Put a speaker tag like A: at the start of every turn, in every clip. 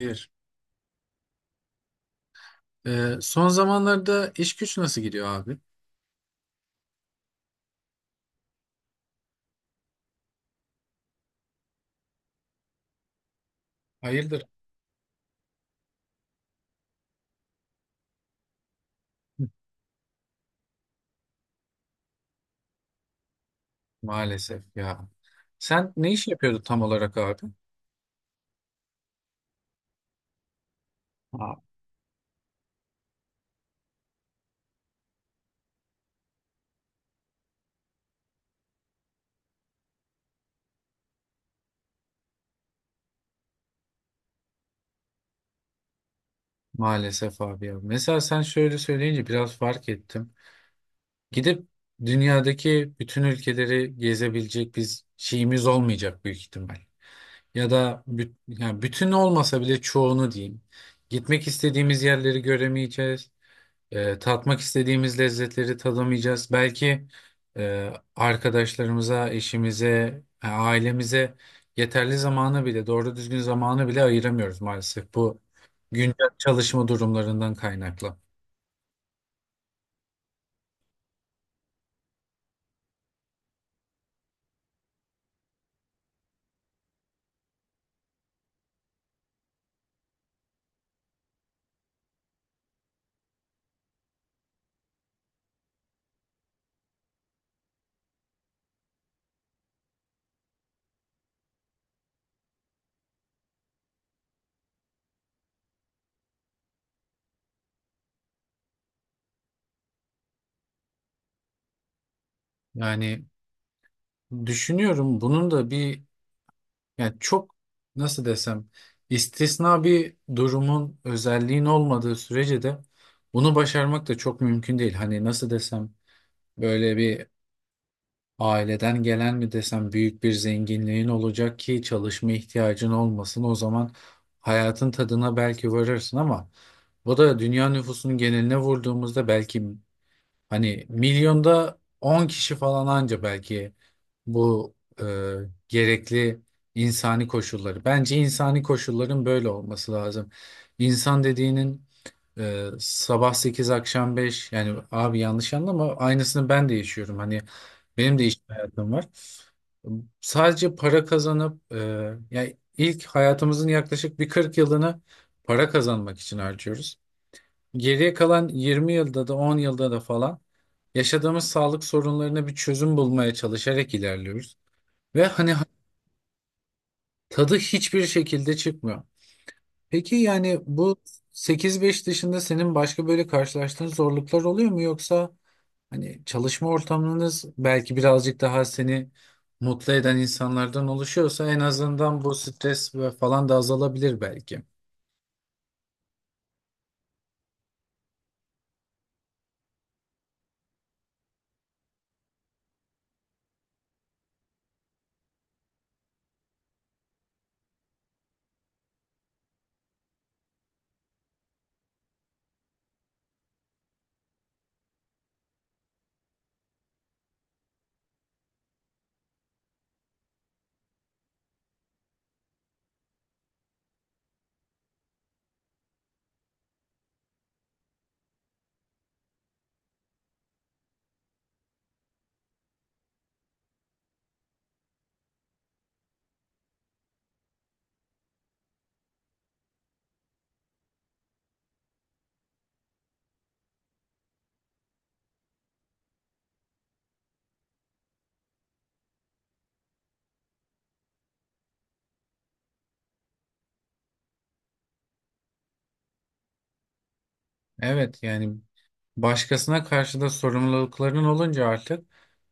A: Bir. Son zamanlarda iş güç nasıl gidiyor abi? Hayırdır? Maalesef ya. Sen ne iş yapıyordun tam olarak abi? Aa, maalesef abi ya. Mesela sen şöyle söyleyince biraz fark ettim. Gidip dünyadaki bütün ülkeleri gezebilecek biz şeyimiz olmayacak büyük ihtimal. Ya da yani bütün olmasa bile çoğunu diyeyim. Gitmek istediğimiz yerleri göremeyeceğiz. Tatmak istediğimiz lezzetleri tadamayacağız. Belki arkadaşlarımıza, eşimize, ailemize yeterli zamanı bile, doğru düzgün zamanı bile ayıramıyoruz maalesef. Bu güncel çalışma durumlarından kaynaklı. Yani düşünüyorum bunun da bir yani çok nasıl desem istisna bir durumun özelliğin olmadığı sürece de bunu başarmak da çok mümkün değil. Hani nasıl desem böyle bir aileden gelen mi desem büyük bir zenginliğin olacak ki çalışma ihtiyacın olmasın. O zaman hayatın tadına belki varırsın ama bu da dünya nüfusunun geneline vurduğumuzda belki hani milyonda 10 kişi falan anca belki bu e, gerekli insani koşulları. Bence insani koşulların böyle olması lazım. İnsan dediğinin sabah 8 akşam 5 yani abi yanlış anlama aynısını ben de yaşıyorum. Hani benim de iş hayatım var. Sadece para kazanıp yani ilk hayatımızın yaklaşık bir 40 yılını para kazanmak için harcıyoruz. Geriye kalan 20 yılda da 10 yılda da falan yaşadığımız sağlık sorunlarına bir çözüm bulmaya çalışarak ilerliyoruz. Ve hani tadı hiçbir şekilde çıkmıyor. Peki yani bu sekiz beş dışında senin başka böyle karşılaştığın zorluklar oluyor mu, yoksa hani çalışma ortamınız belki birazcık daha seni mutlu eden insanlardan oluşuyorsa en azından bu stres ve falan da azalabilir belki. Evet, yani başkasına karşı da sorumlulukların olunca artık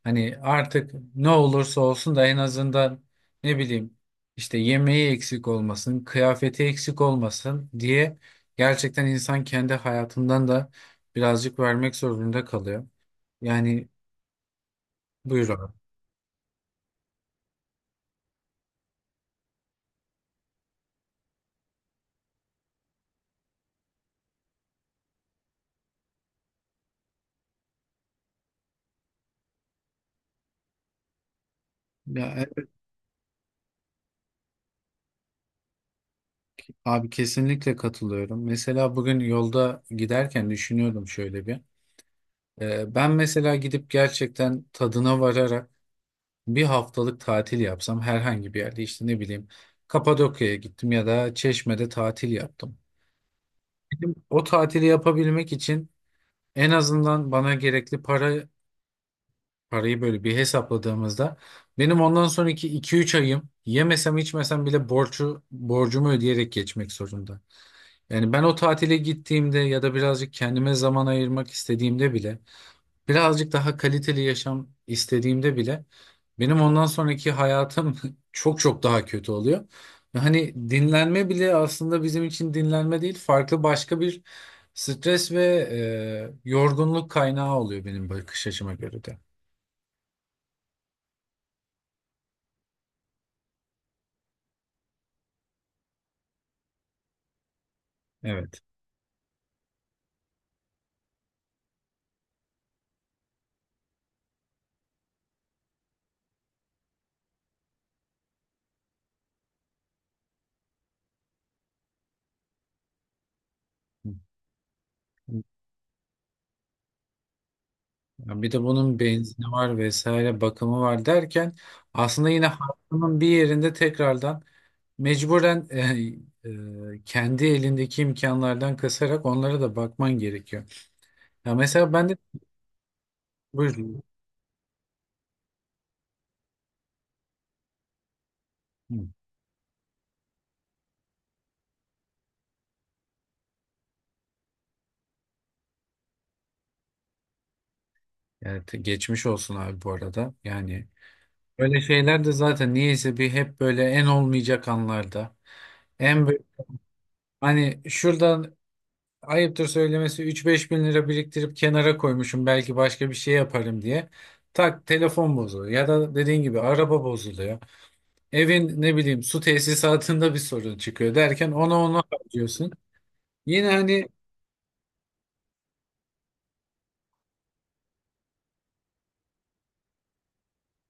A: hani artık ne olursa olsun da en azından ne bileyim işte yemeği eksik olmasın, kıyafeti eksik olmasın diye gerçekten insan kendi hayatından da birazcık vermek zorunda kalıyor. Yani buyur abi. Ya, abi kesinlikle katılıyorum. Mesela bugün yolda giderken düşünüyordum şöyle bir. Ben mesela gidip gerçekten tadına vararak bir haftalık tatil yapsam herhangi bir yerde işte ne bileyim Kapadokya'ya gittim ya da Çeşme'de tatil yaptım. Benim o tatili yapabilmek için en azından bana gerekli para parayı böyle bir hesapladığımızda benim ondan sonraki iki üç ayım yemesem içmesem bile borcumu ödeyerek geçmek zorunda. Yani ben o tatile gittiğimde ya da birazcık kendime zaman ayırmak istediğimde bile birazcık daha kaliteli yaşam istediğimde bile benim ondan sonraki hayatım çok çok daha kötü oluyor. Ve hani dinlenme bile aslında bizim için dinlenme değil, farklı başka bir stres ve yorgunluk kaynağı oluyor benim bakış açıma göre de. Evet. Ya, bir de bunun benzini var vesaire bakımı var derken aslında yine hayatının bir yerinde tekrardan mecburen kendi elindeki imkanlardan kasarak onlara da bakman gerekiyor. Ya mesela ben de buyurun. Hı. Geçmiş olsun abi bu arada. Yani böyle şeyler de zaten niyeyse bir hep böyle en olmayacak anlarda. En bö- Hani şuradan ayıptır söylemesi üç beş bin lira biriktirip kenara koymuşum belki başka bir şey yaparım diye. Tak telefon bozuluyor ya da dediğin gibi araba bozuluyor. Evin ne bileyim su tesisatında bir sorun çıkıyor derken ona harcıyorsun. Yine hani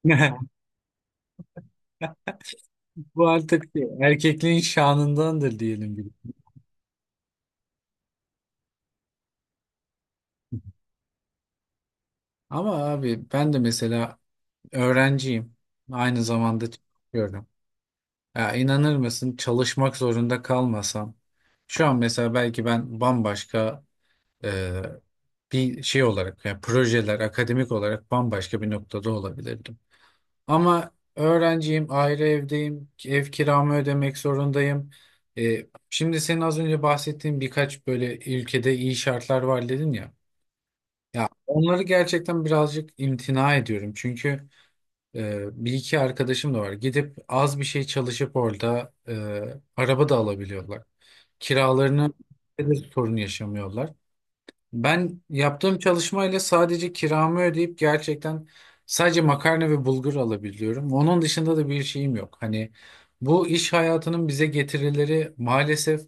A: bu artık erkekliğin şanındandır diyelim. Ama abi ben de mesela öğrenciyim. Aynı zamanda çalışıyorum. Ya inanır mısın, çalışmak zorunda kalmasam şu an mesela belki ben bambaşka e, bir şey olarak yani projeler akademik olarak bambaşka bir noktada olabilirdim. Ama öğrenciyim, ayrı evdeyim, ev kiramı ödemek zorundayım. E, şimdi senin az önce bahsettiğin birkaç böyle ülkede iyi şartlar var dedin ya. Ya onları gerçekten birazcık imtina ediyorum. Çünkü bir iki arkadaşım da var. Gidip az bir şey çalışıp orada araba da alabiliyorlar. Kiralarını de sorun yaşamıyorlar. Ben yaptığım çalışmayla sadece kiramı ödeyip gerçekten sadece makarna ve bulgur alabiliyorum. Onun dışında da bir şeyim yok. Hani bu iş hayatının bize getirileri maalesef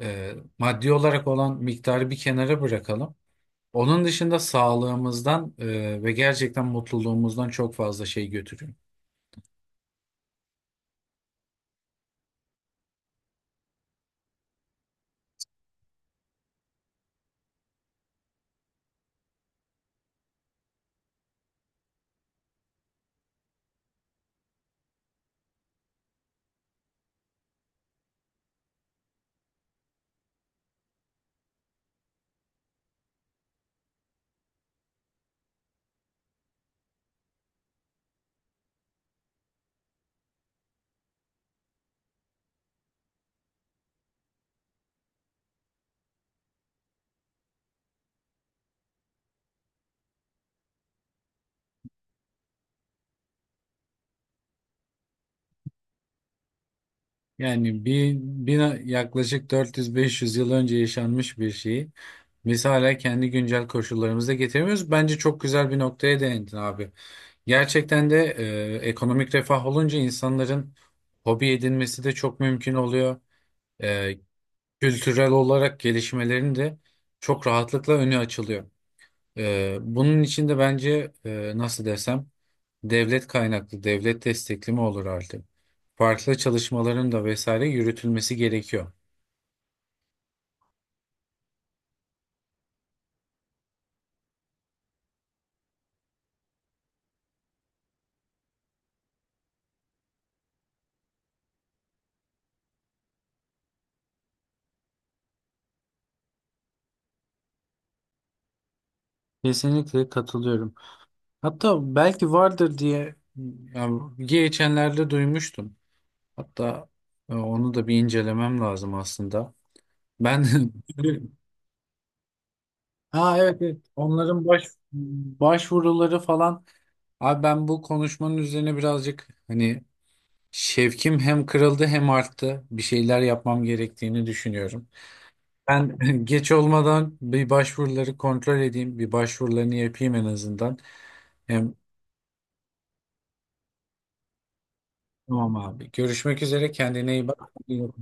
A: e, maddi olarak olan miktarı bir kenara bırakalım. Onun dışında sağlığımızdan ve gerçekten mutluluğumuzdan çok fazla şey götürüyor. Yani bir, bir yaklaşık 400-500 yıl önce yaşanmış bir şeyi biz hala kendi güncel koşullarımıza getiremiyoruz. Bence çok güzel bir noktaya değindin abi. Gerçekten de ekonomik refah olunca insanların hobi edinmesi de çok mümkün oluyor. E, Kültürel olarak gelişmelerin de çok rahatlıkla önü açılıyor. Bunun için de bence nasıl desem devlet kaynaklı, devlet destekli mi olur artık? Farklı çalışmaların da vesaire yürütülmesi gerekiyor. Kesinlikle katılıyorum. Hatta belki vardır diye yani geçenlerde duymuştum. Hatta onu da bir incelemem lazım aslında. Ben ha evet, evet. Onların başvuruları falan. Abi ben bu konuşmanın üzerine birazcık hani şevkim hem kırıldı hem arttı. Bir şeyler yapmam gerektiğini düşünüyorum. Ben geç olmadan bir başvuruları kontrol edeyim. Bir başvurularını yapayım en azından. Hem tamam abi. Görüşmek üzere. Kendine iyi bak. İyi bak.